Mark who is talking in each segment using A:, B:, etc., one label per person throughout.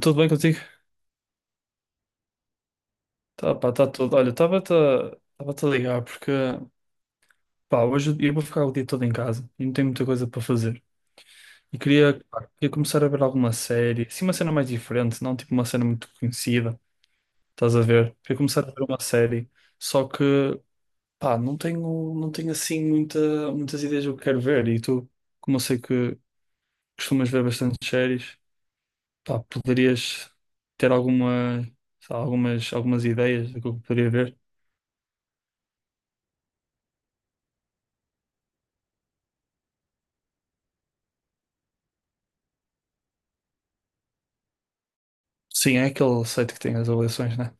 A: Tudo bem contigo? Tá, pá, tá tudo. Olha, estava-te a ligar porque, pá, hoje eu vou ficar o dia todo em casa e não tenho muita coisa para fazer. E queria, pá, queria começar a ver alguma série, assim uma cena mais diferente, não tipo uma cena muito conhecida, estás a ver? Queria começar a ver uma série, só que, pá, não tenho assim muitas ideias do que quero ver. E tu, como eu sei que costumas ver bastante séries, pá, poderias ter alguma, sei lá, algumas ideias do que eu poderia ver? Sim, é aquele site que tem as avaliações, né?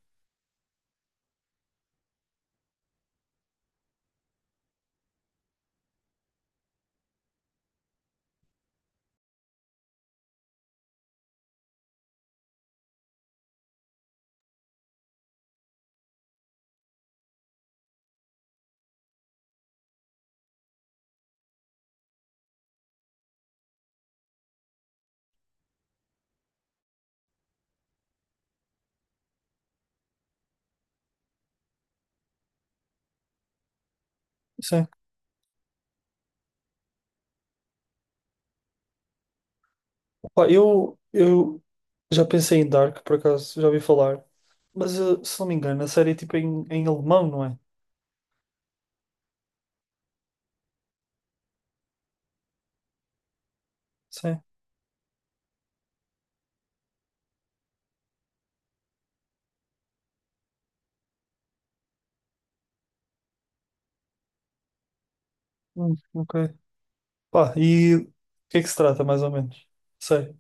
A: Sim. Pá, eu já pensei em Dark, por acaso, já ouvi falar. Mas, se não me engano, a série é tipo em alemão, não é? Sim. Ok. Pá, e o que é que se trata, mais ou menos? Sei.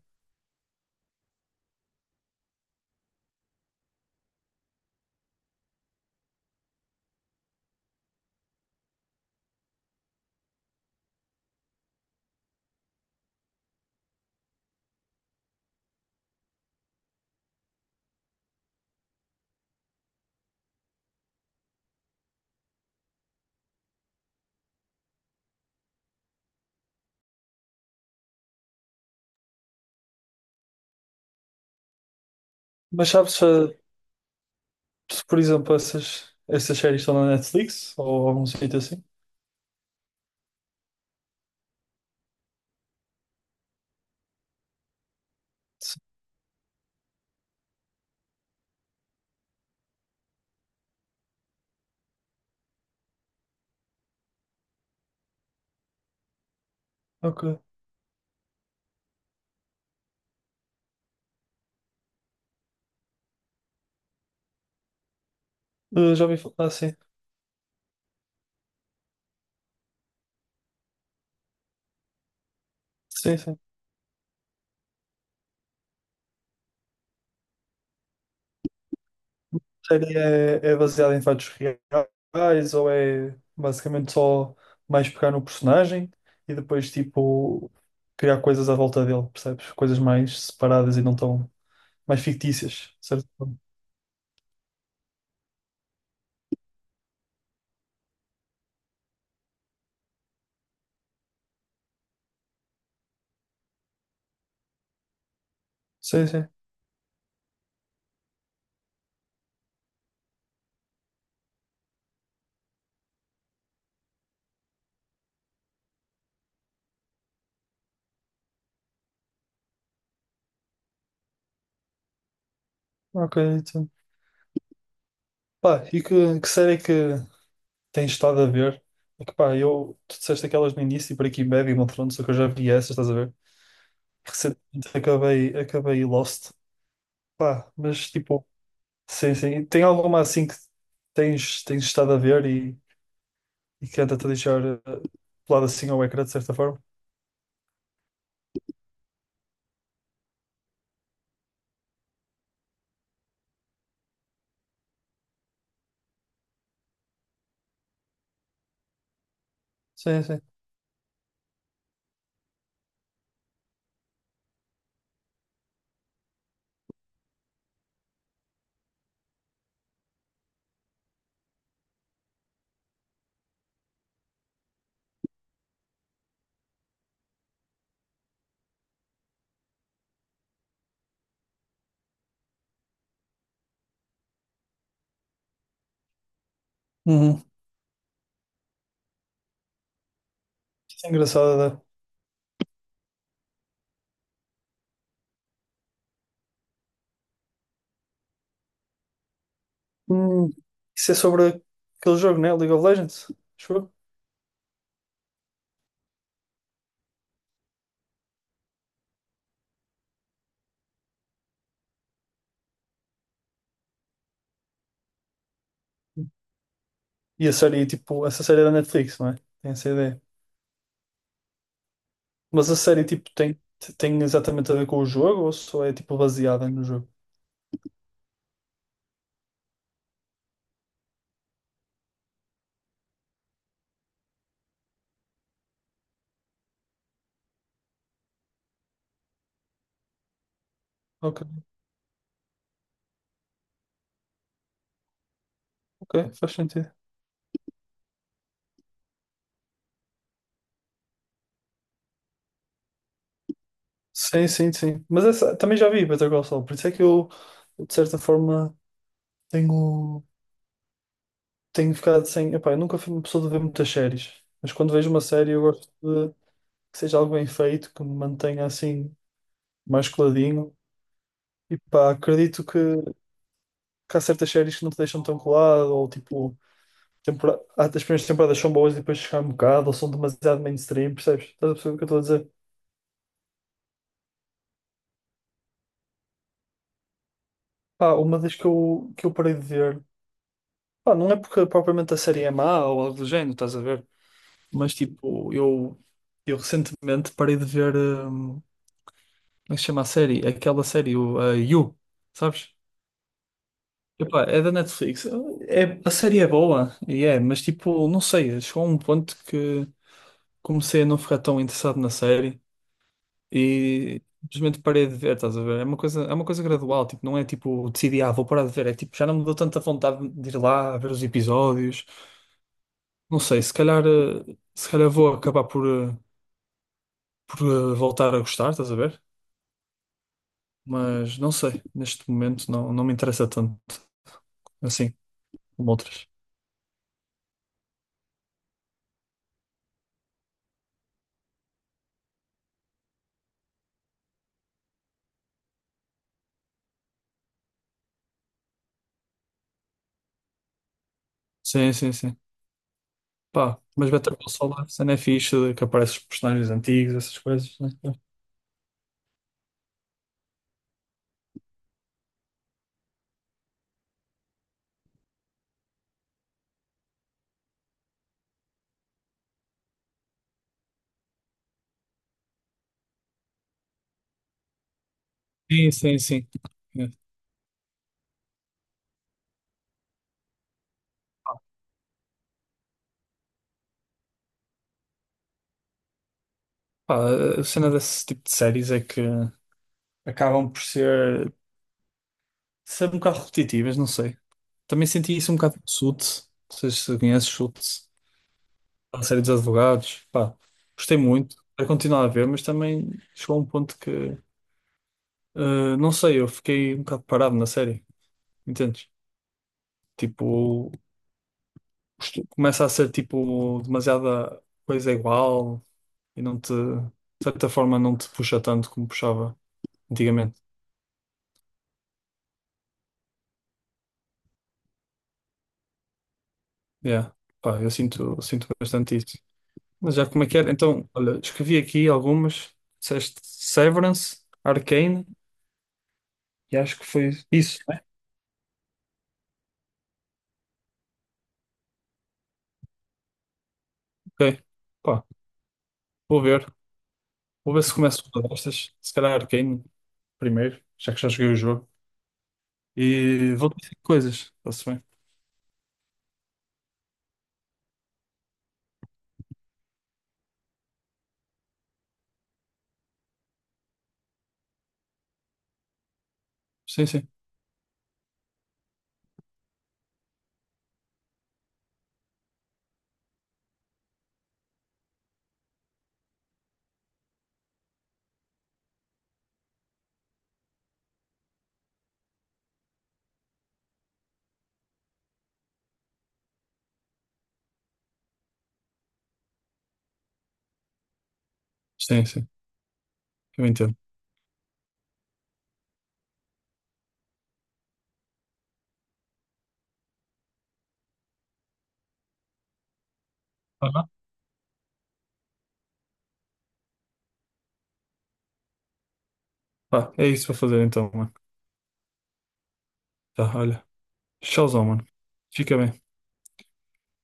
A: Mas sabes se, se, por exemplo, essas séries estão na Netflix ou algum sítio assim? Sim. Ok. Já ouvi falar, ah, sim. Sim, sim. Série é, é baseada em fatos reais ou é basicamente só mais pegar no personagem e depois tipo criar coisas à volta dele, percebes? Coisas mais separadas e não tão mais fictícias, certo? Sim, sim. Ok, então. Pá, e que série é que tens estado a ver? É que pá, eu, tu disseste aquelas no início, Breaking Bad e Game of Thrones, só que eu já vi essas, estás a ver? Recentemente acabei Lost. Pá, mas tipo, sim, sim. E tem alguma assim que tens estado a ver e que tenta-te deixar colado assim ao ecrã, de certa forma? Sim, sim. Uhum. Isso é engraçado, né? Hum, isso é sobre aquele jogo, né? League of Legends, acho eu. E a série, tipo, essa série é da Netflix, não é? Tem essa ideia. Mas a série, tipo, tem, tem exatamente a ver com o jogo ou só é, tipo, baseada no jogo? Ok, ok, faz sentido. Sim, sim, sim. Mas essa, também já vi Better Call Saul, por isso é que eu, de certa forma, tenho, tenho ficado sem. Epá, eu nunca fui uma pessoa de ver muitas séries, mas quando vejo uma série eu gosto de que seja algo bem feito, que me mantenha assim mais coladinho. E pá, acredito que há certas séries que não te deixam tão colado, ou tipo, tempora- há- as primeiras temporadas são boas e depois chegam um bocado, ou são demasiado mainstream, percebes? Estás a perceber o que eu estou a dizer? Pá, uma das que eu parei de ver. Pá, não é porque propriamente a série é má ou algo do género, estás a ver? Mas tipo, eu recentemente parei de ver, como é que se chama a série? Aquela série, o, a You, sabes? Epá, é da Netflix. É, a série é boa, e é, mas tipo, não sei, chegou a um ponto que comecei a não ficar tão interessado na série e simplesmente parei de ver, estás a ver? É uma coisa gradual, tipo, não é tipo, decidi, ah, vou parar de ver, é tipo, já não me deu tanta vontade de ir lá a ver os episódios. Não sei, se calhar, se calhar vou acabar por, por voltar a gostar, estás a ver? Mas não sei, neste momento não, não me interessa tanto assim como outras. Sim, sim, sim. Pá, mas Better Call Saul, a cena é fixe, que aparecem os personagens antigos, essas coisas. Né? Sim, sim, sim. É. Pá, a cena desse tipo de séries é que acabam por ser, ser um bocado repetitivas, não sei. Também senti isso um bocado com Suits, não sei se conheces Suits, a série dos advogados. Pá, gostei muito, quero continuar a ver, mas também chegou a um ponto que uh, não sei, eu fiquei um bocado parado na série, entendes? Tipo, isto começa a ser tipo demasiada coisa igual e não te, de certa forma, não te puxa tanto como puxava antigamente. Yeah. Pá, eu sinto, sinto bastante isso. Mas já como é que era? Então, olha, escrevi aqui algumas, disseste Severance, Arcane e acho que foi isso, né? Ok. Pá, vou ver. Vou ver se começo com uma destas. Se calhar Arcane primeiro, já que já joguei o jogo. E vou ter coisas, está-se bem? Sim, sim, sim, eu entendo. Tá, tá. É isso para fazer então, mano. Tá, olha, tchauzão, mano. Fica bem.